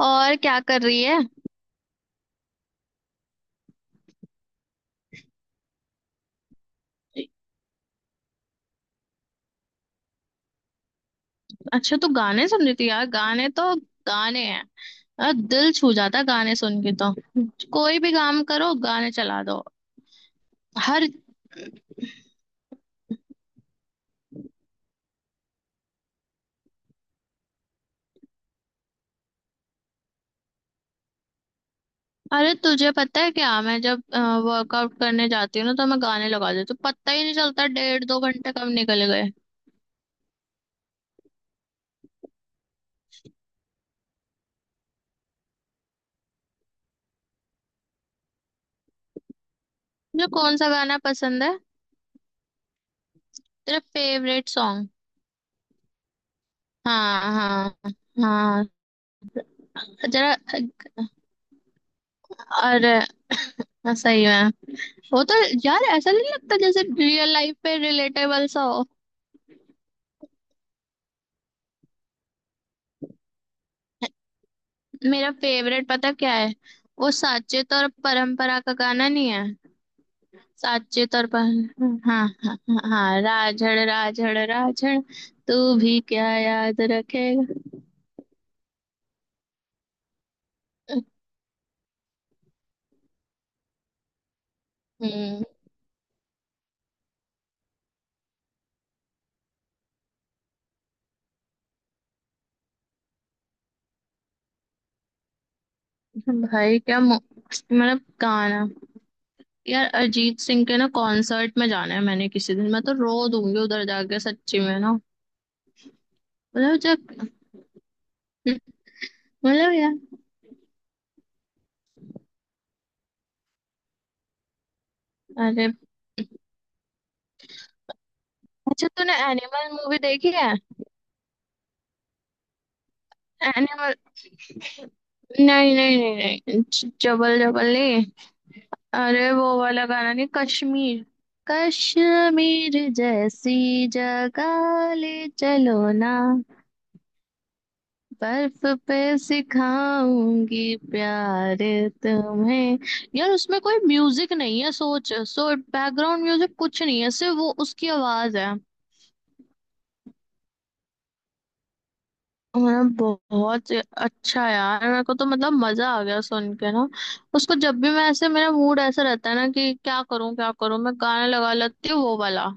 और क्या कर रही है? अच्छा तू गाने सुन रही थी। यार गाने तो गाने हैं। यार दिल छू जाता है गाने सुन के तो। कोई भी काम करो गाने चला दो। हर अरे तुझे पता है क्या मैं जब वर्कआउट करने जाती हूँ ना तो मैं गाने लगा देती हूँ। पता ही नहीं चलता 1.5-2 घंटे कब निकल गए। तुझे कौन सा गाना पसंद है? तेरा फेवरेट सॉन्ग? हाँ हाँ हाँ। जरा। अरे सही में। वो तो यार ऐसा नहीं लगता जैसे रियल लाइफ पे रिलेटेबल सा हो। मेरा फेवरेट पता क्या है? वो साचेत और परंपरा का गाना नहीं है? साचेत और पर... हाँ हाँ हाँ। राझड़ राझड़ राझड़। तू भी क्या याद रखेगा। हम्म। भाई क्या मतलब गाना। यार अरिजीत सिंह के ना कॉन्सर्ट में जाना है मैंने किसी दिन। मैं तो रो दूंगी उधर जाके सच्ची में ना। मतलब जब मतलब यार अरे। अच्छा तूने एनिमल मूवी देखी है? एनिमल। नहीं नहीं नहीं नहीं जबल जबल नहीं। अरे वो वाला गाना नहीं। कश्मीर। कश्मीर जैसी जगह ले। चलो ना। बर्फ पे सिखाऊंगी प्यार तुम्हें। यार उसमें कोई म्यूजिक नहीं है। सोच सो बैकग्राउंड म्यूजिक कुछ नहीं है सिर्फ वो उसकी आवाज है। मतलब बहुत अच्छा यार। मेरे को तो मतलब मजा आ गया सुन के ना। उसको जब भी मैं ऐसे मेरा मूड ऐसा रहता है ना कि क्या करूं मैं गाना लगा लेती हूँ वो वाला।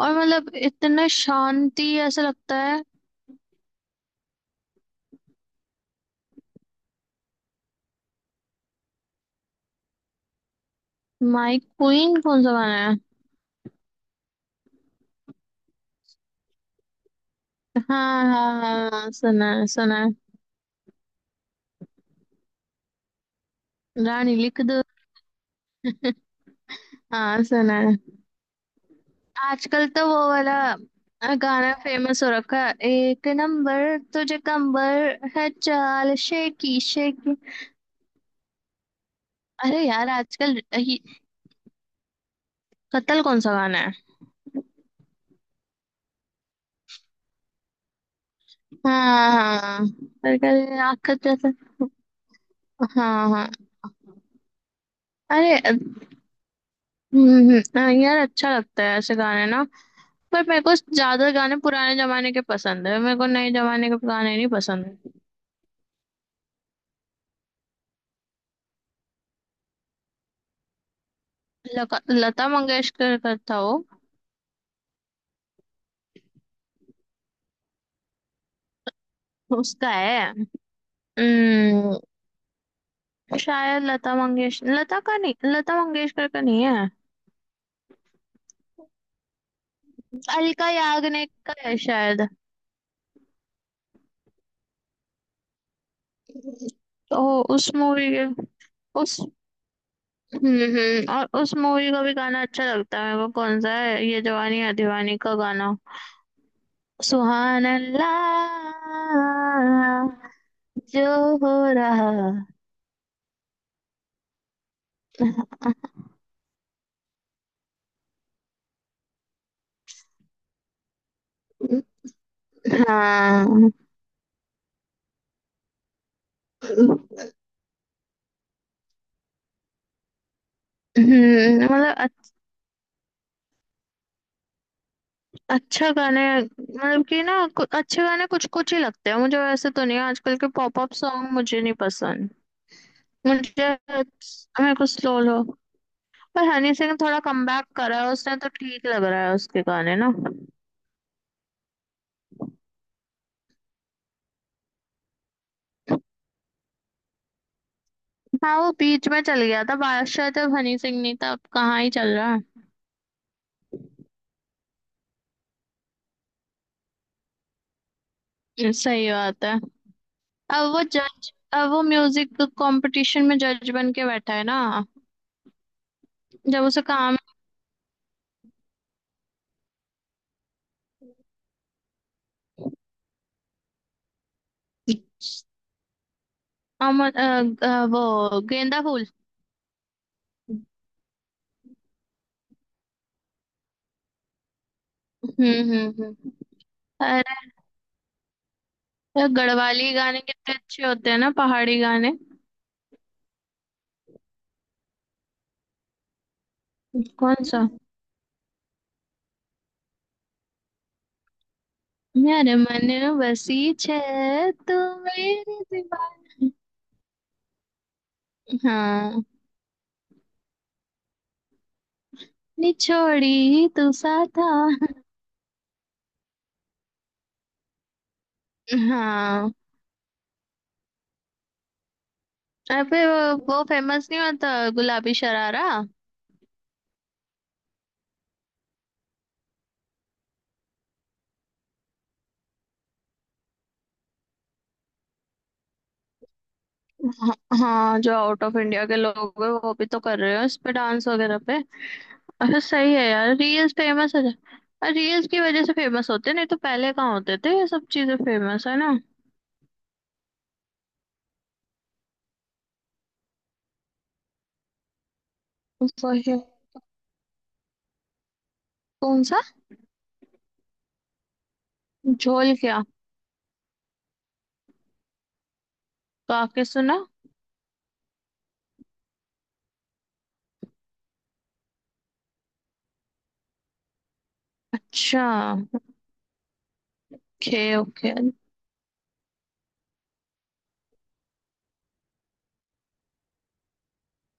और मतलब इतना शांति ऐसा लगता है। माई क्वीन कौन सा गाना है? हाँ हाँ हाँ हाँ, सुना है सुना। है रानी लिख दो। हाँ सुना है। आजकल तो वो वाला गाना फेमस हो रखा है एक नंबर। तुझे कंबर है चाल शेकी शेकी। अरे यार आजकल कत्ल कौन सा गाना है? हाँ हाँ। अरे कल आखत जैसा। हाँ हाँ। अरे हाँ, यार अच्छा लगता है ऐसे गाने ना। पर मेरे को ज्यादा गाने पुराने जमाने के पसंद है। मेरे को नए जमाने के गाने नहीं पसंद। लता मंगेशकर का था वो? उसका है? हम्म, शायद लता मंगेशकर लता का नहीं। लता मंगेशकर का नहीं है। अलका याग्निक का है शायद। ओ! उस मूवी के। उस और उस मूवी का भी गाना अच्छा लगता है मेरे को। कौन सा है? ये जवानी है दीवानी का गाना। सुहान अल्लाह। जो हो रहा। हाँ, हम्म। मतलब अच्छा गाने मतलब कि ना अच्छे गाने कुछ कुछ ही लगते हैं मुझे वैसे। तो नहीं आजकल के पॉप अप सॉन्ग मुझे नहीं पसंद। मुझे मेरे को स्लो लो। पर हनी सिंह थोड़ा कमबैक करा है उसने तो ठीक लग रहा है उसके गाने ना। हाँ वो बीच में चल गया था बादशाह जब हनी सिंह नहीं था। अब कहाँ ही चल रहा है। सही बात है। अब वो जज अब वो म्यूजिक कंपटीशन में जज बन के बैठा है ना। जब उसे काम। अमर वो गेंदा फूल। हम्म। अरे गढ़वाली गाने कितने अच्छे होते हैं ना। पहाड़ी गाने। कौन सा? यार मन बसी छे। तू मेरी दीवार। हाँ निछोड़ी तू सा था। हाँ। और फिर वो फेमस नहीं होता गुलाबी शरारा। हाँ हाँ, जो आउट ऑफ इंडिया के लोग हैं वो भी तो कर रहे हो इस पे डांस वगैरह पे। अच्छा सही है यार। रील्स फेमस हो जाए रील्स की वजह से फेमस होते हैं, नहीं तो पहले कहाँ होते थे ये सब चीजें फेमस। है ना। वही। कौन सा झोल? क्या? काके सुना। अच्छा। Okay okay.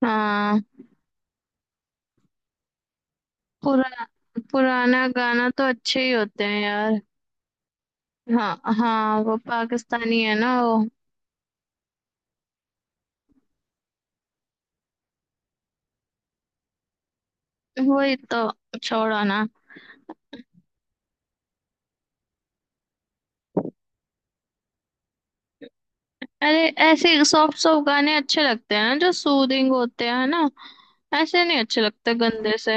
हाँ। पुरा पुराना गाना तो अच्छे ही होते हैं यार। हाँ हाँ वो पाकिस्तानी है ना वो। वही तो। छोड़ो ना। अरे ऐसे सॉफ्ट सॉफ्ट गाने अच्छे लगते हैं ना जो सूदिंग होते हैं ना। ऐसे नहीं अच्छे लगते गंदे से।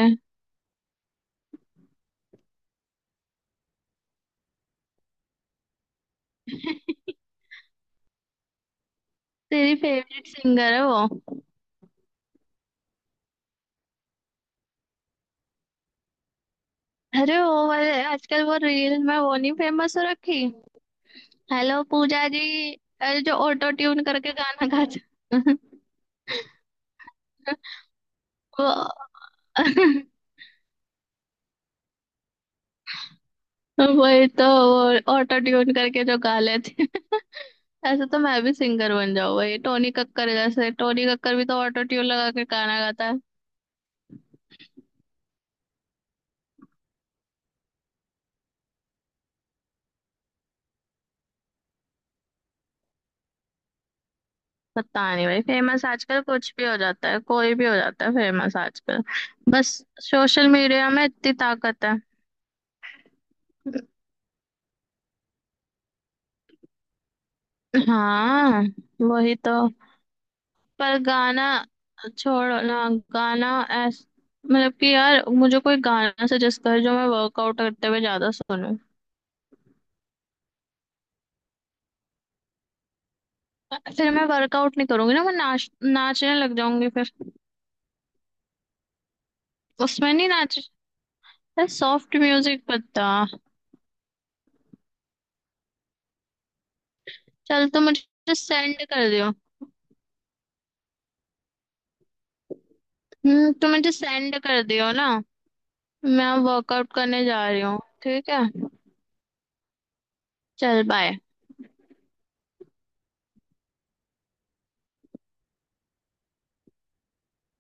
तेरी फेवरेट सिंगर है वो? अरे वो वाले आजकल वो रील में वो नहीं फेमस हो रखी। हेलो पूजा जी। अरे जो ऑटो ट्यून करके गाना गाता वो। वही तो वो ऑटो ट्यून करके जो गा लेते हैं। ऐसे तो मैं भी सिंगर बन जाऊँ भाई। टोनी कक्कर जैसे टोनी कक्कर भी तो ऑटो ट्यून लगा के गाना गाता है। पता नहीं भाई। फेमस आजकल कुछ भी हो जाता है कोई भी हो जाता है फेमस आजकल। बस सोशल मीडिया में इतनी ताकत है। हाँ वही तो। पर गाना छोड़ो ना गाना ऐस मतलब कि यार मुझे कोई गाना सजेस्ट कर जो मैं वर्कआउट करते हुए ज्यादा सुनूं। फिर मैं वर्कआउट नहीं करूंगी ना मैं नाच नाचने लग जाऊंगी फिर। उसमें नहीं नाच सॉफ्ट म्यूजिक पता। चल तो मुझे सेंड कर दियो। तुम मुझे सेंड कर दियो ना। मैं वर्कआउट करने जा रही हूँ ठीक है। चल बाय।